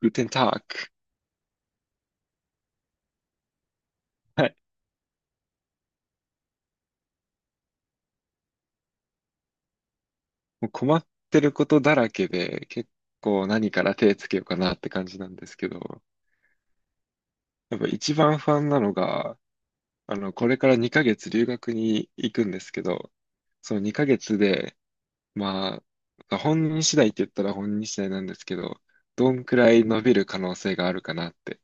グテンターク。はい。もう困ってることだらけで、結構何から手つけようかなって感じなんですけど、やっぱ一番不安なのが、これから2ヶ月留学に行くんですけど、その2ヶ月で、まあ、本人次第って言ったら本人次第なんですけど、どんくらい伸びる可能性があるかなって。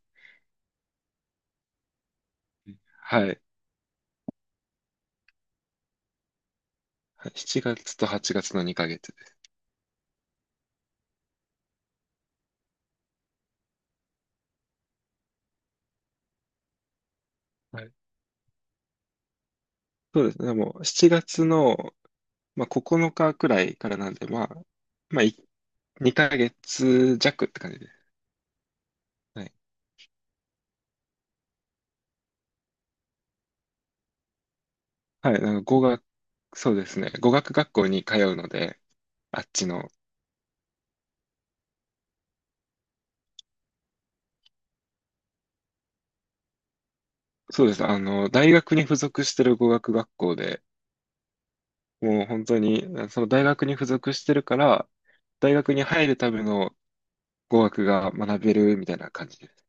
はい。7月と8月の2ヶ月です。はい。そうですね。でもう7月の、まあ、9日くらいからなんで、1 2ヶ月弱って感じで。はい。はい。あの語学、そうですね。語学学校に通うので、あっちの。そうです。大学に付属してる語学学校で、もう本当に、その大学に付属してるから、大学に入るための語学が学べるみたいな感じです。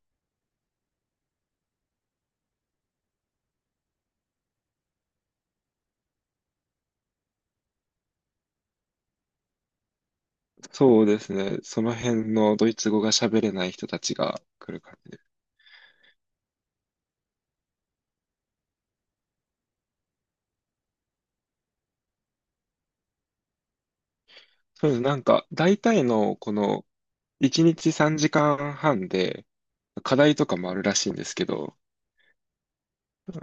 そうですね。その辺のドイツ語が喋れない人たちが来る感じで。そうです。なんか、大体のこの1日3時間半で課題とかもあるらしいんですけど、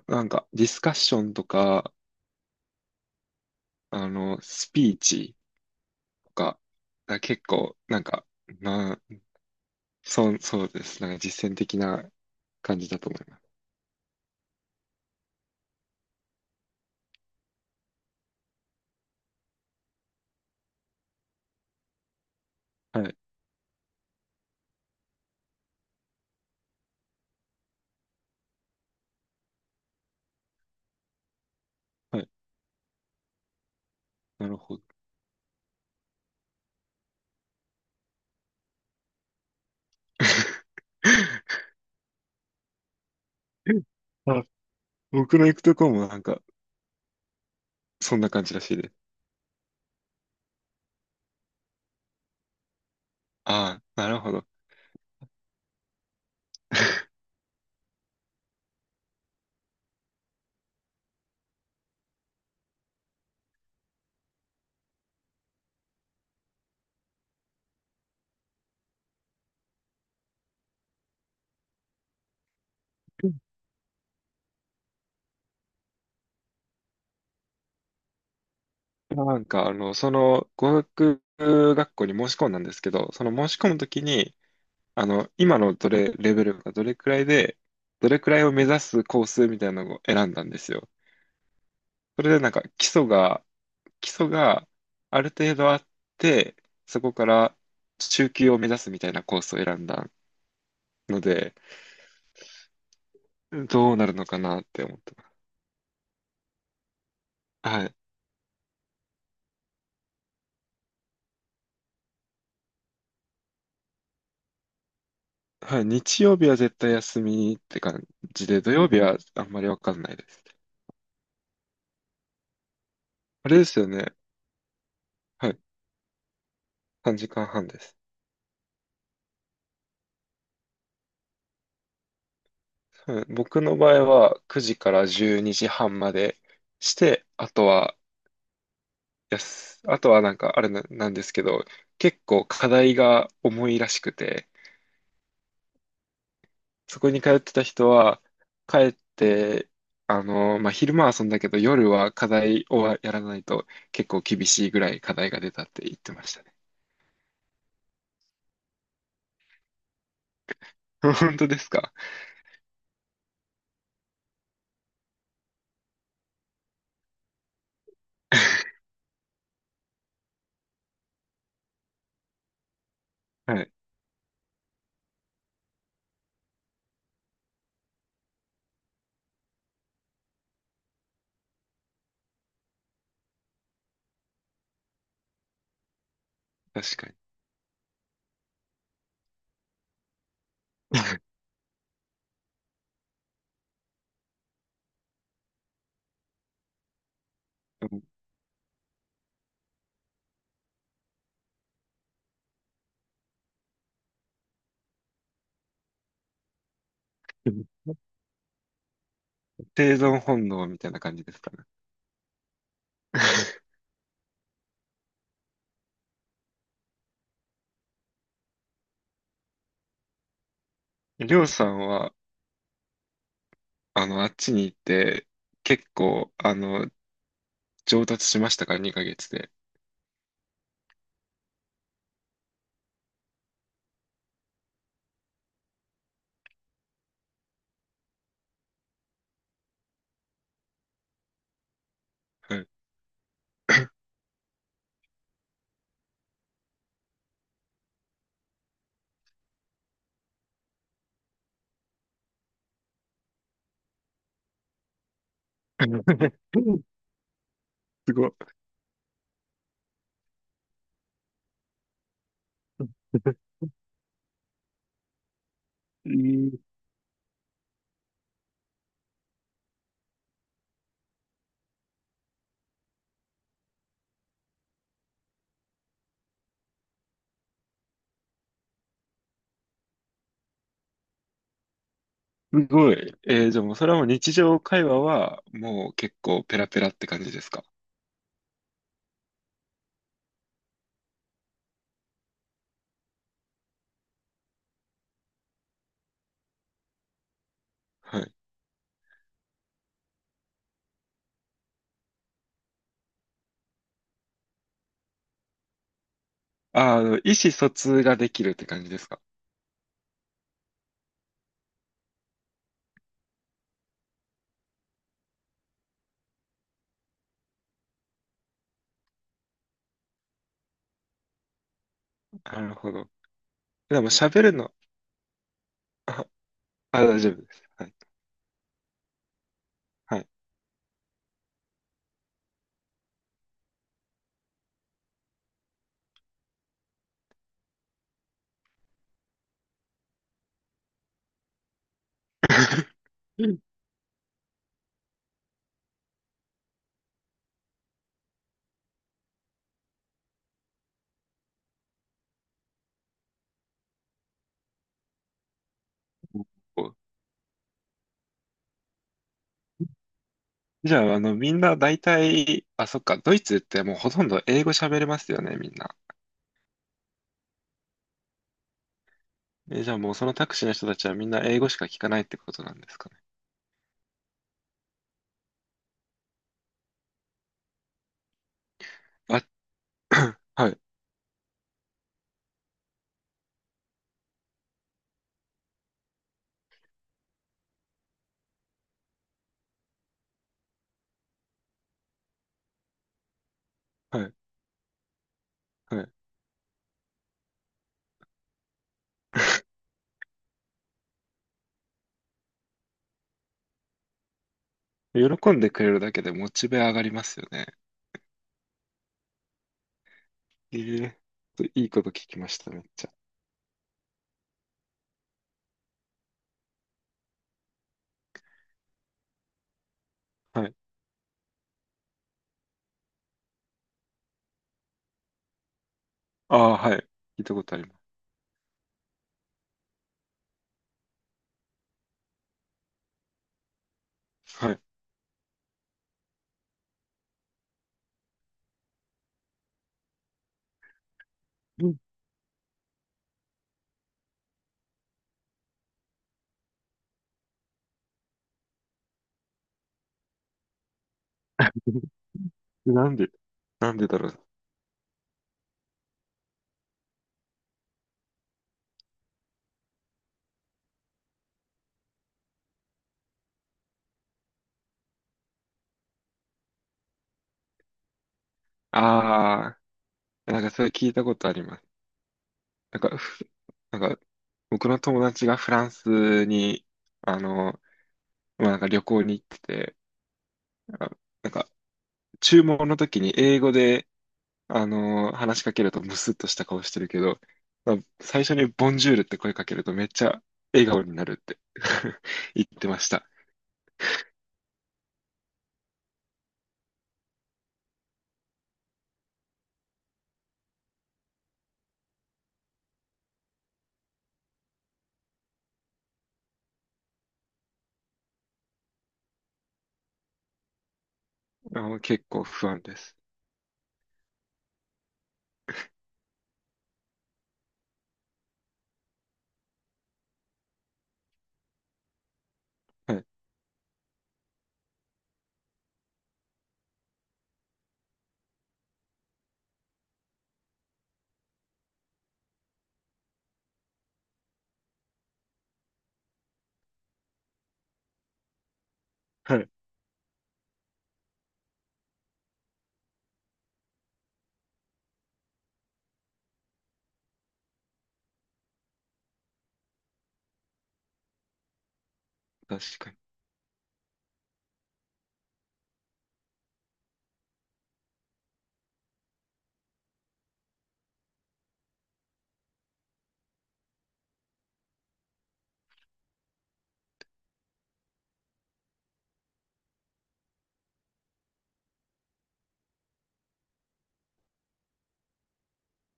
なんか、ディスカッションとか、スピーチとか、結構、なんか、なそう、そうです。なんか実践的な感じだと思います。はい。はい。なるほど。あ、僕の行くとこもなんか、そんな感じらしいです。ああ、なるほど。なんか、その、語学学校に申し込んだんですけど、その申し込むときに、あの、今のどれ、レベルがどれくらいで、どれくらいを目指すコースみたいなのを選んだんですよ。それでなんか基礎がある程度あって、そこから中級を目指すみたいなコースを選んだので、どうなるのかなって思ってます。はい。はい。日曜日は絶対休みって感じで、土曜日はあんまりわかんないです。あれですよね。はい。3時間半です。はい僕の場合は9時から12時半までして、あとはです。あとはなんかあれな、なんですけど、結構課題が重いらしくて、そこに通ってた人は、帰って、まあ、昼間は遊んだけど、夜は課題をやらないと結構厳しいぐらい課題が出たって言ってましたね。本当ですか？ はい、確かに。うん。生存本能みたいな感じですかね？りょうさんは、あっちに行って、結構、上達しましたか ?2 ヶ月で。はい。すごい。えーすごい。じゃあもうそれはもう日常会話はもう結構ペラペラって感じですか？はい。意思疎通ができるって感じですか？なるほど。でも喋るの、あ、大丈夫です。はい。はい。じゃあ、みんな大体、そっか、ドイツってもうほとんど英語喋れますよね、みんな。え、じゃあもうそのタクシーの人たちはみんな英語しか聞かないってことなんですかね。あ、はい、はい、はい。喜んでくれるだけでモチベ上がりますよね。ええ、いいこと聞きました、めっちゃ。はい。ああ、はい。聞いたことあります。はい。なんで、なんでだろう。ああ、なんかそれ聞いたことあります。なんか、ふなんか、僕の友達がフランスに、あの、まあ、なんか旅行に行ってて、あ、なんか、注文の時に英語で、話しかけるとムスッとした顔してるけど、まあ最初にボンジュールって声かけるとめっちゃ笑顔になるって 言ってました。結構不安です。はい。はい。確かに。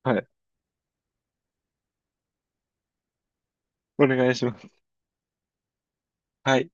はい。お願いします。はい。